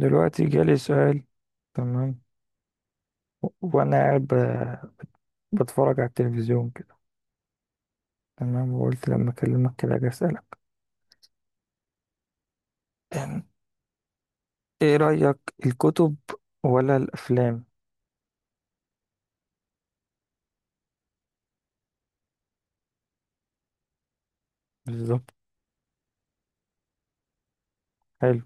دلوقتي جالي سؤال. تمام. وانا قاعد بتفرج على التلفزيون كده. تمام، وقلت لما اكلمك كده اجي اسالك. أم، ايه رايك، الكتب ولا الافلام؟ بالظبط. حلو.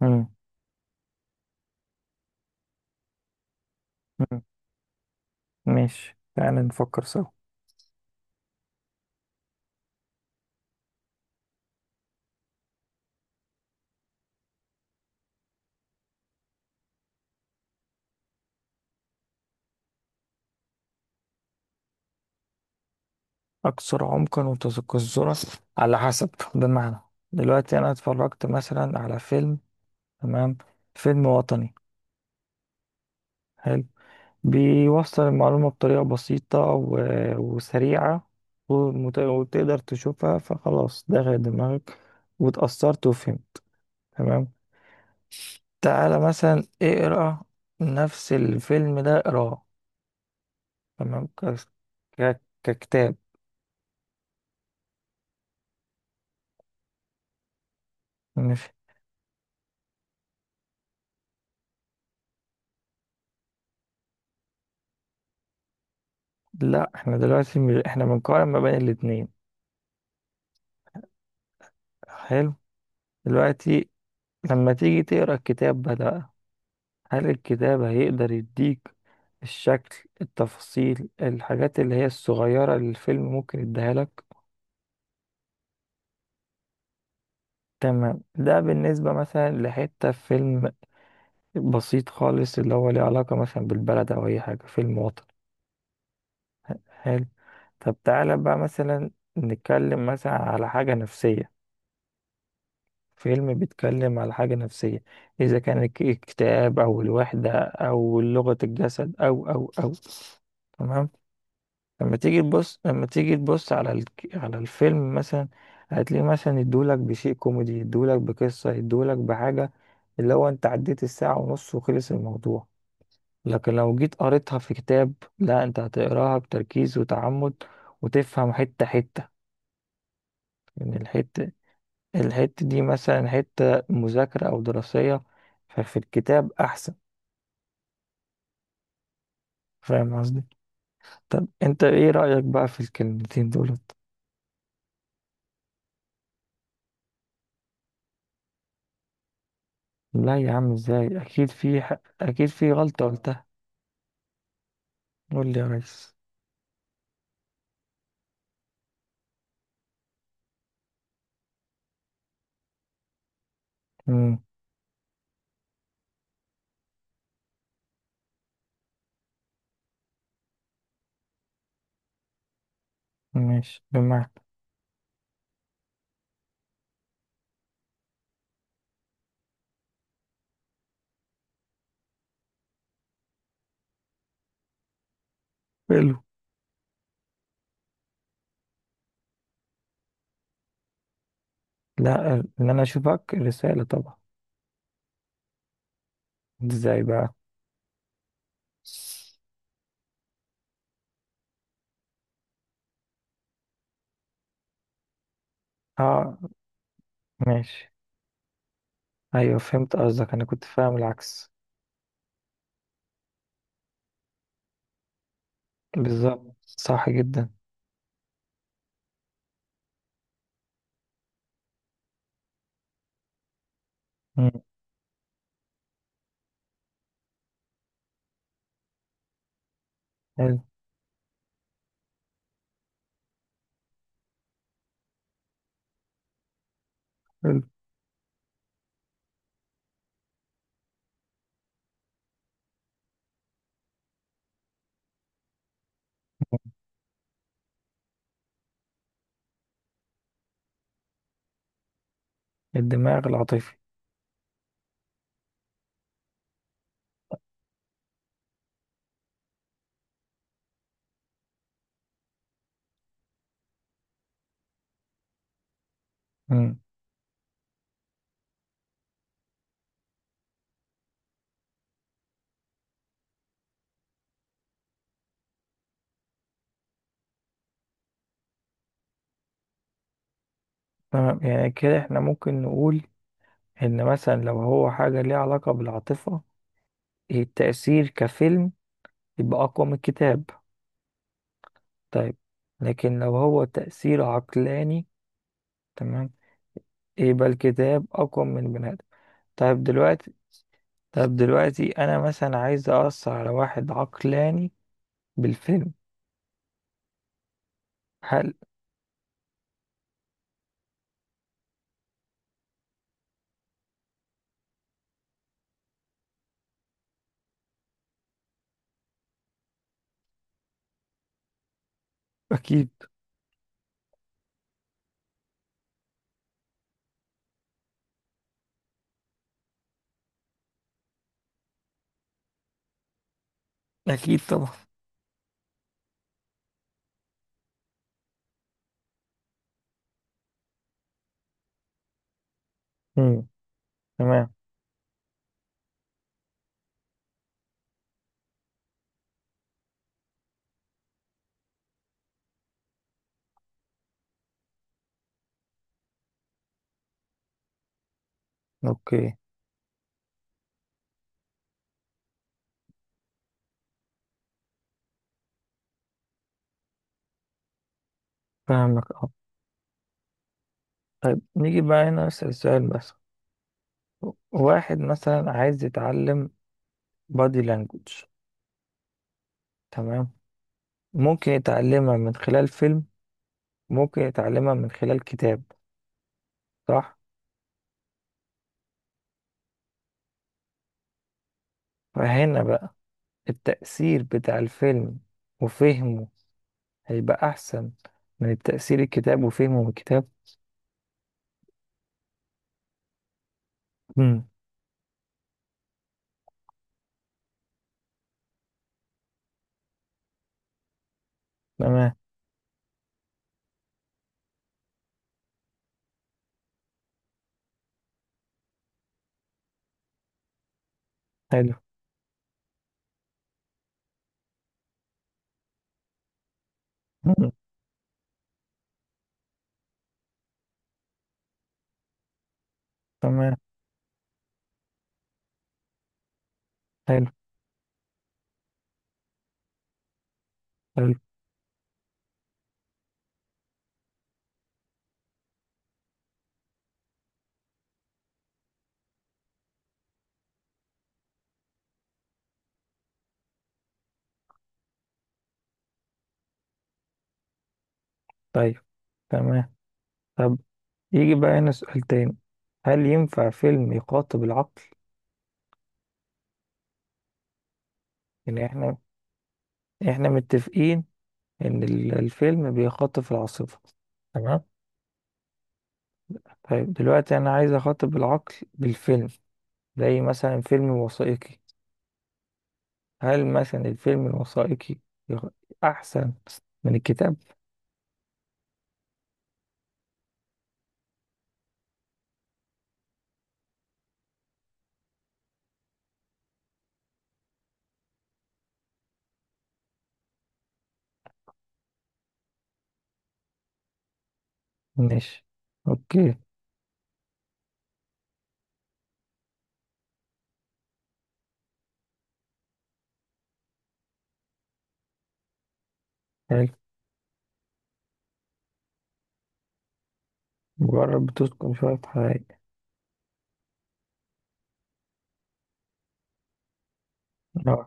مم. مم. ماشي، تعالى نفكر سوا. اكثر عمقا وتذكرا، على حسب، بمعنى، دلوقتي انا اتفرجت مثلا على فيلم. تمام. فيلم وطني. حلو. بيوصل المعلومة بطريقة بسيطة وسريعة، وتقدر تشوفها، فخلاص دخلت دماغك واتأثرت وفهمت. تمام. تعالى مثلا اقرأ نفس الفيلم ده اقراه. تمام ككتاب. مش. لا، احنا دلوقتي احنا بنقارن ما بين الاتنين. حلو. دلوقتي، لما تيجي تقرأ الكتاب ده بقى، هل الكتاب هيقدر يديك الشكل، التفاصيل، الحاجات اللي هي الصغيرة اللي الفيلم ممكن يديها لك؟ تمام. ده بالنسبة مثلا لحتة في فيلم، بسيط خالص، اللي هو ليه علاقة مثلا بالبلد أو أي حاجة، فيلم وطني. حلو. طب تعالى بقى مثلا نتكلم مثلا على حاجة نفسية، فيلم بيتكلم على حاجة نفسية. إذا كان الاكتئاب أو الوحدة أو لغة الجسد أو. تمام. لما تيجي تبص على الفيلم مثلا، هتلاقيه مثلا يدولك بشيء كوميدي، يدولك بقصة، يدولك بحاجة، اللي هو انت عديت الساعة ونص وخلص الموضوع. لكن لو جيت قريتها في كتاب، لا، انت هتقراها بتركيز وتعمد، وتفهم حتة حتة. يعني الحتة دي مثلا حتة مذاكرة أو دراسية، ففي الكتاب أحسن. فاهم قصدي؟ طب انت ايه رأيك بقى في الكلمتين دولت؟ لا يا عم، ازاي؟ أكيد في غلطة قلتها. قول لي يا ريس. امم. ماشي، بمعنى. حلو. لا، ان انا اشوفك رسالة طبعا. ازاي بقى؟ اه. ماشي. ايوه، فهمت قصدك، انا كنت فاهم العكس. بالظبط، صح جدا. امم. حلو. حلو. الدماغ العاطفي. امم. تمام، يعني كده احنا ممكن نقول ان مثلا لو هو حاجة ليها علاقة بالعاطفة، التأثير كفيلم يبقى اقوى من الكتاب. طيب. لكن لو هو تأثير عقلاني، تمام، يبقى الكتاب أقوى من البني آدم. طيب دلوقتي. طيب دلوقتي أنا مثلا عايز أأثر على واحد عقلاني بالفيلم. هل. أكيد. أكيد طبعا. مم. تمام. أوكي. فاهمك أه. طيب نيجي بقى هنا نسأل السؤال بس. واحد مثلا عايز يتعلم بادي لانجوج. تمام. ممكن يتعلمها من خلال فيلم، ممكن يتعلمها من خلال كتاب، صح؟ فهنا بقى التأثير بتاع الفيلم وفهمه هيبقى أحسن من تأثير الكتاب وفهمه الكتاب. مم. تمام. حلو. مم. تمام. حلو. حلو. طيب. تمام. طب يجي بقى هنا سؤال تاني: هل ينفع فيلم يخاطب العقل؟ يعني احنا متفقين إن الفيلم بيخاطب العاصفة. تمام. طيب دلوقتي أنا عايز أخاطب العقل بالفيلم، زي مثلا فيلم وثائقي. هل مثلا الفيلم الوثائقي يخ- أحسن من الكتاب؟ ماشي. أوكي. حلو. جرب تسكن شوية حقائق. اه.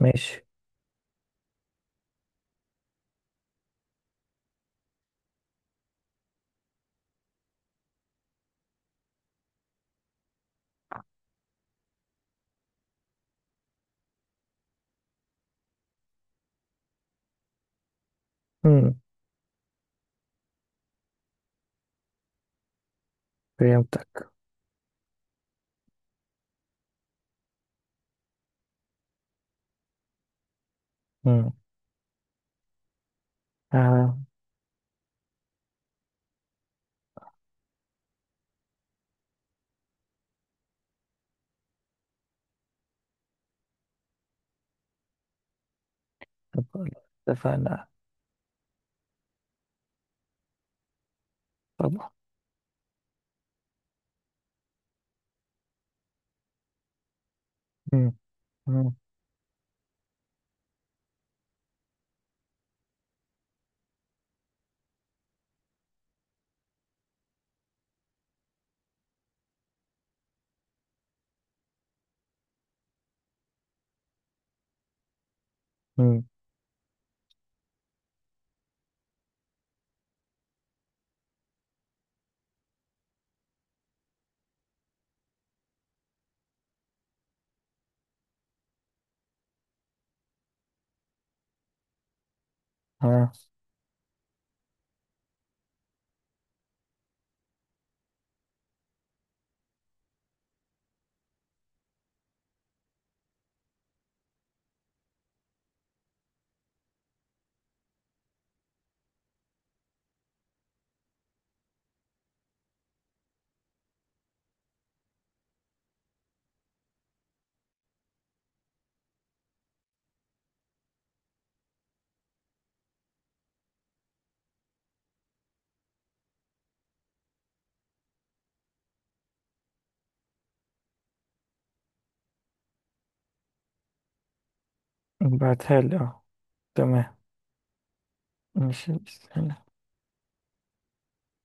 ماشي. مم. فهمتك. مم. آه. طب اتفقنا. طبعا. مم. مم. مم. آه. بعتها لي اه. تمام. ماشي بس.